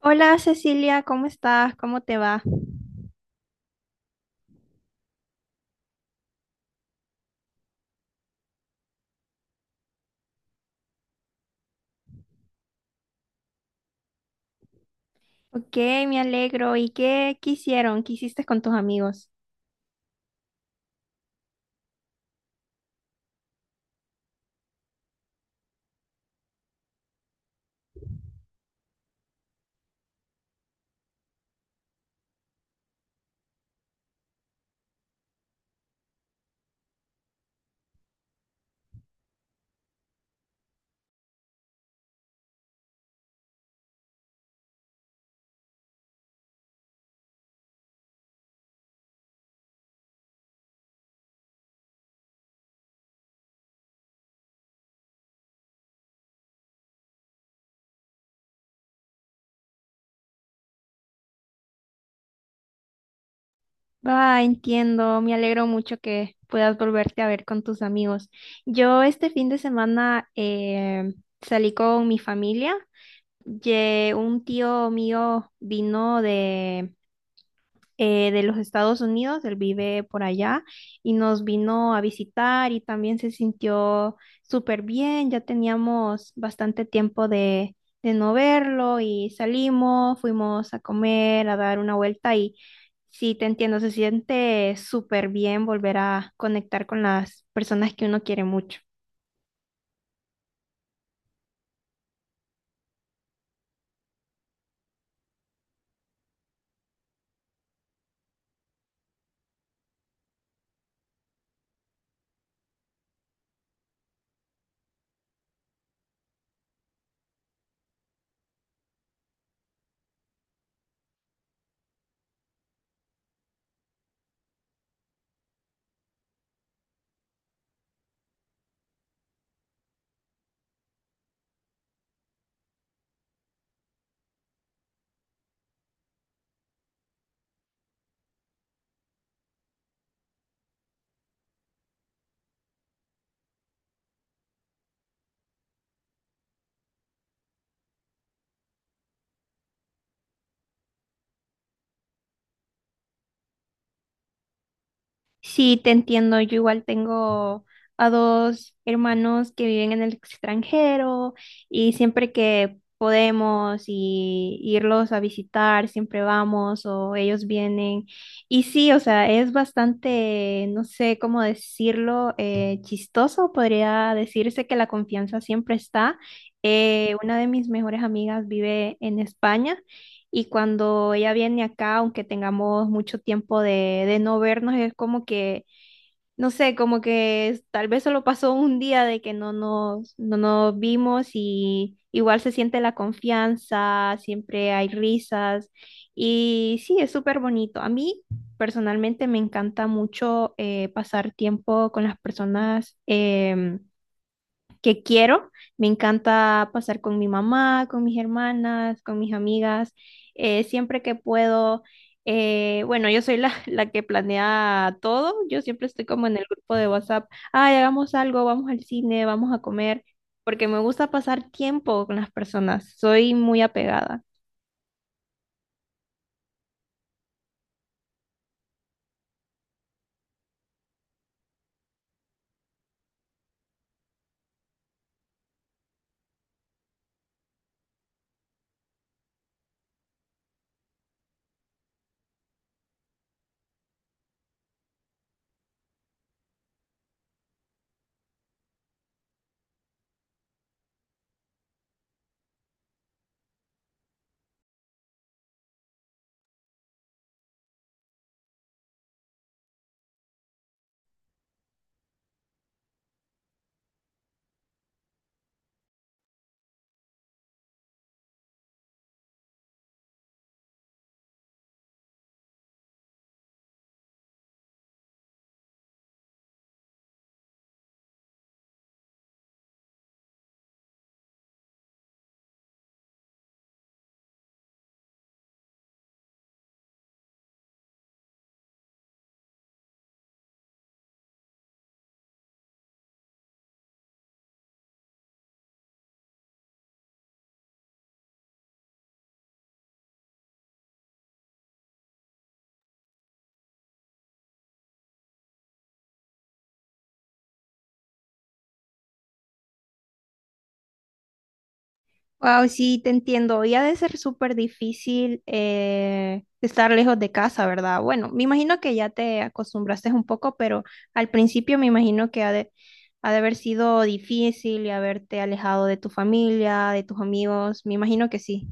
Hola Cecilia, ¿cómo estás? ¿Cómo te va? Ok, me alegro. ¿Y qué quisieron? ¿Qué hiciste con tus amigos? Ah, entiendo. Me alegro mucho que puedas volverte a ver con tus amigos. Yo este fin de semana salí con mi familia. Un tío mío vino de los Estados Unidos, él vive por allá y nos vino a visitar y también se sintió súper bien, ya teníamos bastante tiempo de no verlo y salimos, fuimos a comer, a dar una vuelta y sí, te entiendo, se siente súper bien volver a conectar con las personas que uno quiere mucho. Sí, te entiendo. Yo igual tengo a dos hermanos que viven en el extranjero y siempre que podemos y irlos a visitar, siempre vamos o ellos vienen. Y sí, o sea, es bastante, no sé cómo decirlo, chistoso. Podría decirse que la confianza siempre está. Una de mis mejores amigas vive en España. Y cuando ella viene acá, aunque tengamos mucho tiempo de no vernos, es como que, no sé, como que tal vez solo pasó un día de que no nos vimos y igual se siente la confianza, siempre hay risas y sí, es súper bonito. A mí personalmente me encanta mucho pasar tiempo con las personas. Que quiero. Me encanta pasar con mi mamá, con mis hermanas, con mis amigas, siempre que puedo. Bueno, yo soy la, la que planea todo. Yo siempre estoy como en el grupo de WhatsApp. Ay, hagamos algo, vamos al cine, vamos a comer, porque me gusta pasar tiempo con las personas. Soy muy apegada. Wow, sí, te entiendo. Y ha de ser súper difícil estar lejos de casa, ¿verdad? Bueno, me imagino que ya te acostumbraste un poco, pero al principio me imagino que ha de haber sido difícil y haberte alejado de tu familia, de tus amigos. Me imagino que sí.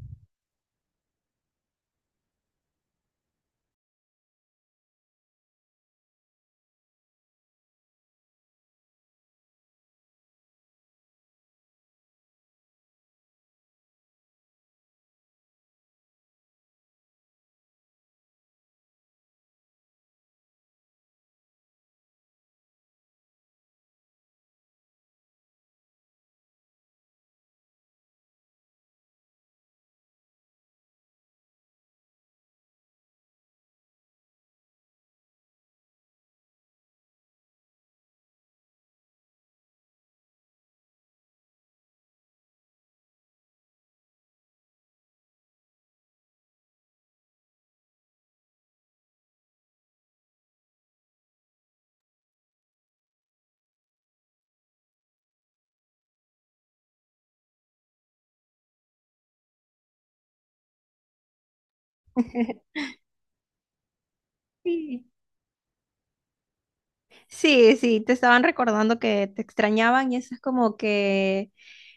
Sí, sí, sí, te estaban recordando que te extrañaban y eso es como que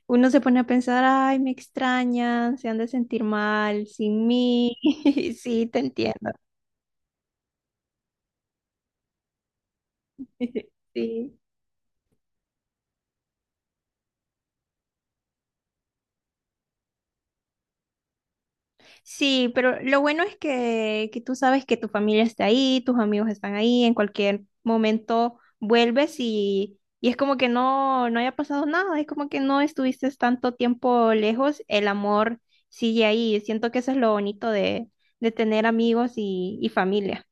uno se pone a pensar, ay, me extrañan, se han de sentir mal sin mí. Sí, te entiendo. Sí. Sí, pero lo bueno es que tú sabes que tu familia está ahí, tus amigos están ahí, en cualquier momento vuelves y es como que no, no haya pasado nada, es como que no estuviste tanto tiempo lejos, el amor sigue ahí. Siento que eso es lo bonito de tener amigos y familia.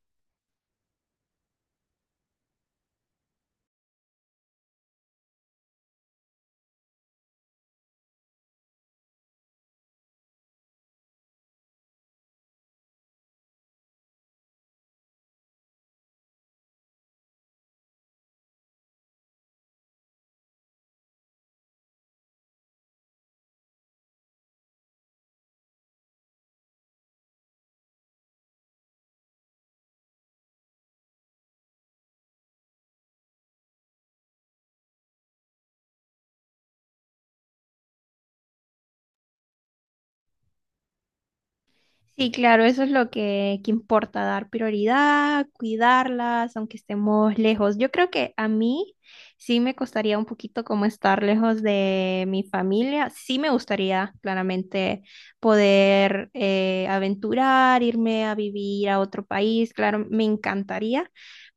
Sí, claro, eso es lo que importa, dar prioridad, cuidarlas, aunque estemos lejos. Yo creo que a mí sí me costaría un poquito como estar lejos de mi familia. Sí me gustaría claramente poder aventurar, irme a vivir a otro país, claro, me encantaría,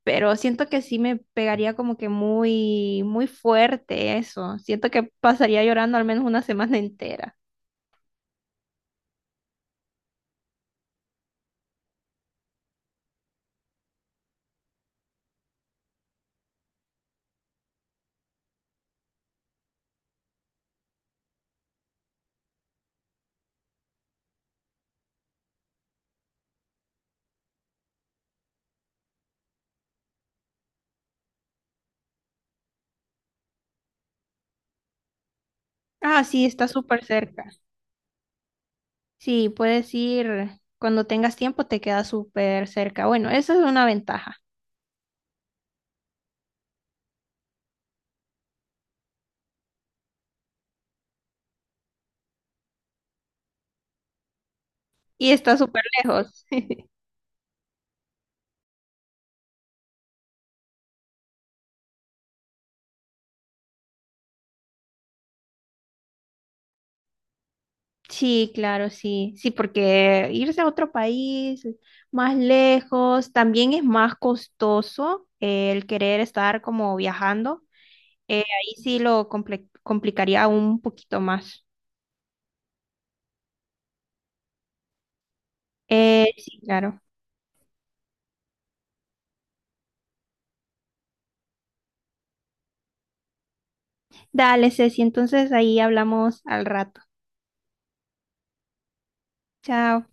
pero siento que sí me pegaría como que muy, muy fuerte eso. Siento que pasaría llorando al menos una semana entera. Ah, sí, está súper cerca. Sí, puedes ir cuando tengas tiempo, te queda súper cerca. Bueno, esa es una ventaja. Y está súper lejos. Sí, claro, sí. Sí, porque irse a otro país más lejos también es más costoso el querer estar como viajando. Ahí sí lo complicaría un poquito más. Sí, claro. Dale, Ceci, entonces ahí hablamos al rato. Chao.